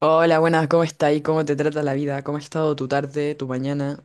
Hola, buenas, ¿cómo está y ¿cómo te trata la vida? ¿Cómo ha estado tu tarde, tu mañana?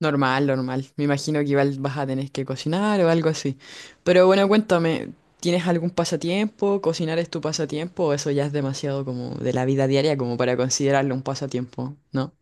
Normal, normal. Me imagino que igual vas a tener que cocinar o algo así. Pero bueno, cuéntame, ¿tienes algún pasatiempo? ¿Cocinar es tu pasatiempo? ¿O eso ya es demasiado como de la vida diaria como para considerarlo un pasatiempo? ¿No?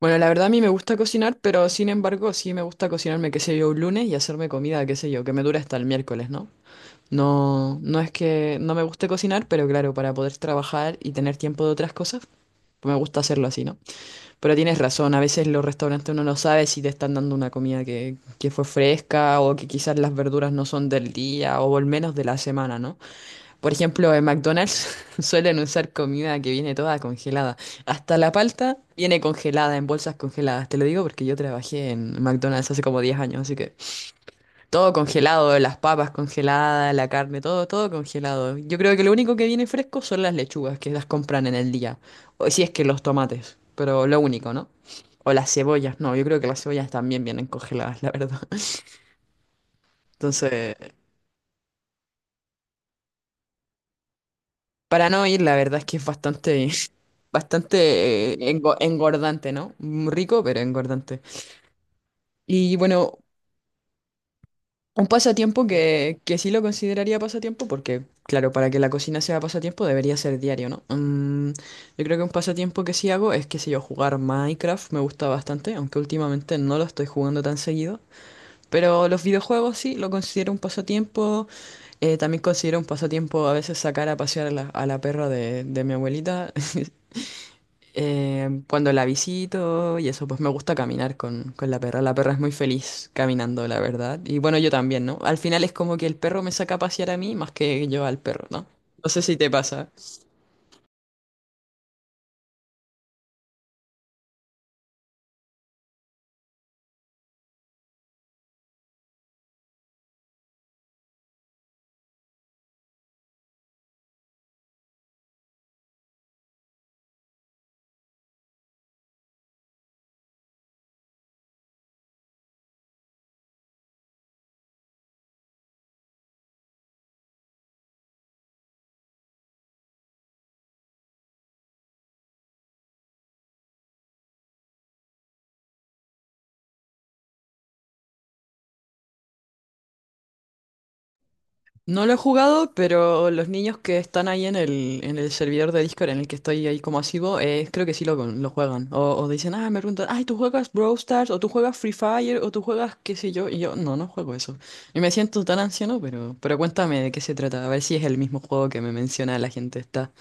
Bueno, la verdad a mí me gusta cocinar, pero sin embargo sí me gusta cocinarme, qué sé yo, un lunes y hacerme comida, qué sé yo, que me dure hasta el miércoles, ¿no? No, no es que no me guste cocinar, pero claro, para poder trabajar y tener tiempo de otras cosas, me gusta hacerlo así, ¿no? Pero tienes razón, a veces los restaurantes uno no sabe si te están dando una comida que fue fresca o que quizás las verduras no son del día o al menos de la semana, ¿no? Por ejemplo, en McDonald's suelen usar comida que viene toda congelada. Hasta la palta viene congelada en bolsas congeladas. Te lo digo porque yo trabajé en McDonald's hace como 10 años, así que todo congelado, las papas congeladas, la carne, todo, todo congelado. Yo creo que lo único que viene fresco son las lechugas que las compran en el día. O si es que los tomates, pero lo único, ¿no? O las cebollas, no, yo creo que las cebollas también vienen congeladas, la verdad. Entonces, para no ir, la verdad es que es bastante, bastante engordante, ¿no? Rico, pero engordante. Y bueno, un pasatiempo que sí lo consideraría pasatiempo porque, claro, para que la cocina sea pasatiempo debería ser diario, ¿no? Yo creo que un pasatiempo que sí hago es, qué sé yo, jugar Minecraft. Me gusta bastante, aunque últimamente no lo estoy jugando tan seguido. Pero los videojuegos sí lo considero un pasatiempo. También considero un pasatiempo a veces sacar a pasear a la perra de mi abuelita. Cuando la visito y eso, pues me gusta caminar con la perra. La perra es muy feliz caminando, la verdad. Y bueno, yo también, ¿no? Al final es como que el perro me saca a pasear a mí más que yo al perro, ¿no? No sé si te pasa. No lo he jugado, pero los niños que están ahí en el servidor de Discord en el que estoy ahí como asiduo, creo que sí lo juegan. O dicen, me preguntan, ay, ¿tú juegas Brawl Stars? ¿O tú juegas Free Fire? ¿O tú juegas qué sé yo? Y yo, no, no juego eso. Y me siento tan anciano, pero cuéntame de qué se trata, a ver si es el mismo juego que me menciona la gente esta.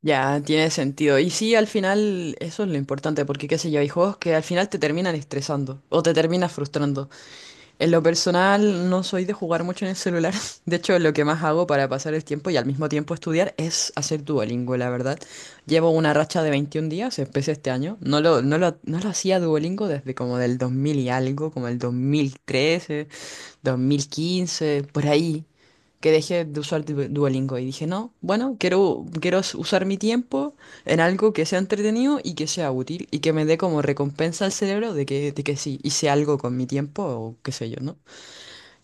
Ya, tiene sentido. Y sí, al final, eso es lo importante, porque qué sé yo, hay juegos que al final te terminan estresando o te terminas frustrando. En lo personal, no soy de jugar mucho en el celular. De hecho, lo que más hago para pasar el tiempo y al mismo tiempo estudiar es hacer Duolingo, la verdad. Llevo una racha de 21 días, empecé este año. No lo hacía Duolingo desde como del 2000 y algo, como el 2013. 2015, por ahí, que dejé de usar Duolingo y dije, no, bueno, quiero usar mi tiempo en algo que sea entretenido y que sea útil y que me dé como recompensa al cerebro de que sí, hice algo con mi tiempo o qué sé yo, ¿no?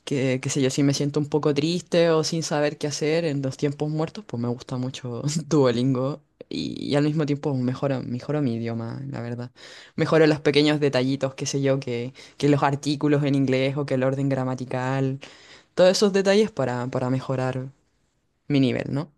Que, qué sé yo, si me siento un poco triste o sin saber qué hacer en los tiempos muertos, pues me gusta mucho Duolingo. Y al mismo tiempo mejoro, mejoro mi idioma, la verdad. Mejoro los pequeños detallitos, qué sé yo, que los artículos en inglés o que el orden gramatical, todos esos detalles para mejorar mi nivel, ¿no?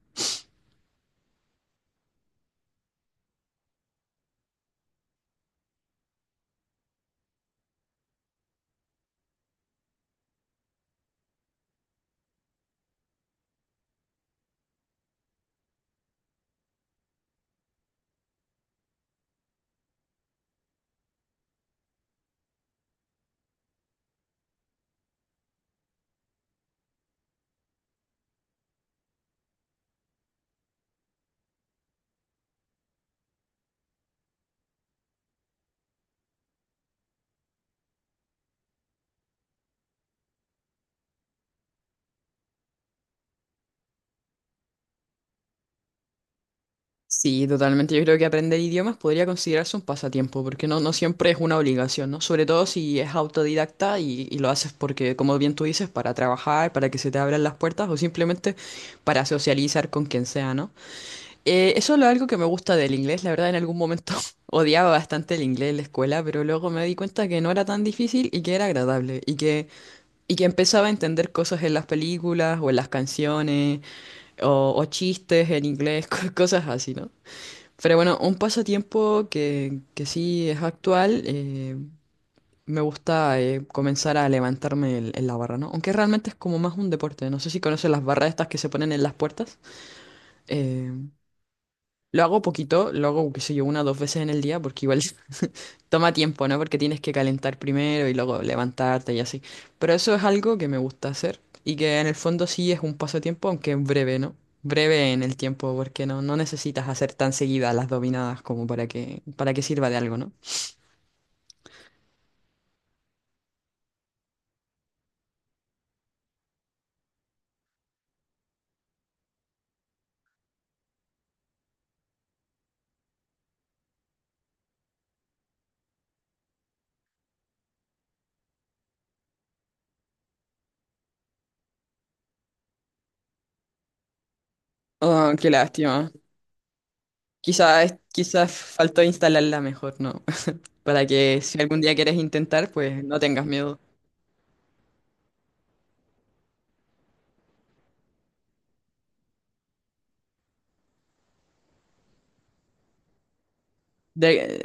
Sí, totalmente. Yo creo que aprender idiomas podría considerarse un pasatiempo, porque no, no siempre es una obligación, ¿no? Sobre todo si es autodidacta y lo haces porque, como bien tú dices, para trabajar, para que se te abran las puertas o simplemente para socializar con quien sea, ¿no? Eso es algo que me gusta del inglés. La verdad, en algún momento odiaba bastante el inglés en la escuela, pero luego me di cuenta que no era tan difícil y que era agradable y que empezaba a entender cosas en las películas o en las canciones, o chistes en inglés, cosas así, ¿no? Pero bueno, un pasatiempo que sí es actual, me gusta comenzar a levantarme en la barra, ¿no? Aunque realmente es como más un deporte, no sé si conoces las barras estas que se ponen en las puertas. Eh, lo hago poquito, lo hago, qué sé yo, una o dos veces en el día, porque igual toma tiempo, ¿no? Porque tienes que calentar primero y luego levantarte y así. Pero eso es algo que me gusta hacer y que en el fondo sí es un pasatiempo, aunque es breve, ¿no? Breve en el tiempo, porque no, no necesitas hacer tan seguidas las dominadas como para que sirva de algo, ¿no? Oh, qué lástima. Quizás faltó instalarla mejor, ¿no? Para que si algún día quieres intentar, pues no tengas miedo. De,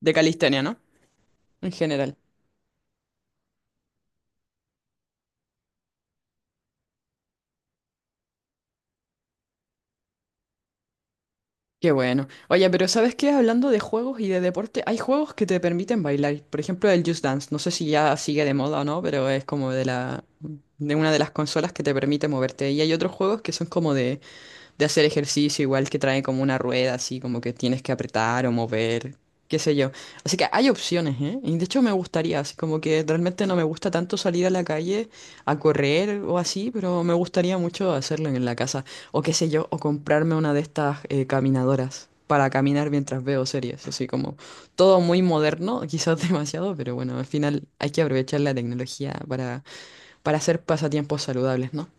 de calistenia, ¿no? En general. Qué bueno. Oye, pero ¿sabes qué? Hablando de juegos y de deporte, hay juegos que te permiten bailar. Por ejemplo, el Just Dance. No sé si ya sigue de moda o no, pero es como de una de las consolas que te permite moverte. Y hay otros juegos que son como de hacer ejercicio, igual que trae como una rueda, así como que tienes que apretar o mover, qué sé yo. Así que hay opciones, ¿eh? Y de hecho me gustaría, así como que realmente no me gusta tanto salir a la calle a correr o así, pero me gustaría mucho hacerlo en la casa, o qué sé yo, o comprarme una de estas caminadoras, para caminar mientras veo series, así como todo muy moderno, quizás demasiado, pero bueno, al final hay que aprovechar la tecnología para hacer pasatiempos saludables, ¿no?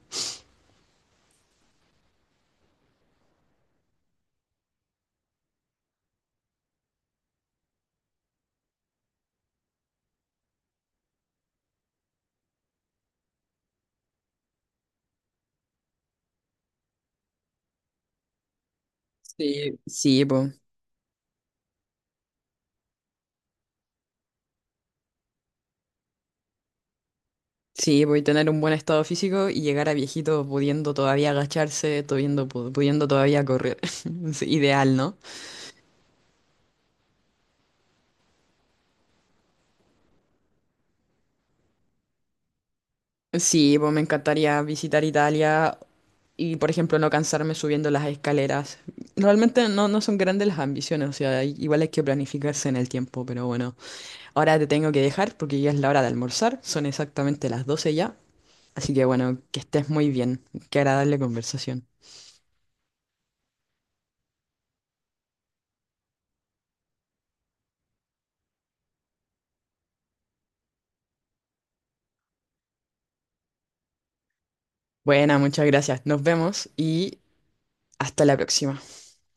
Sí, sí, po. Sí, voy a tener un buen estado físico y llegar a viejito pudiendo todavía agacharse, pudiendo todavía correr. Es ideal, ¿no? Sí, pues me encantaría visitar Italia y, por ejemplo, no cansarme subiendo las escaleras. Realmente no, no son grandes las ambiciones, o sea, igual hay que planificarse en el tiempo, pero bueno. Ahora te tengo que dejar porque ya es la hora de almorzar, son exactamente las 12 ya. Así que bueno, que estés muy bien. Qué agradable conversación. Buena, muchas gracias. Nos vemos y hasta la próxima.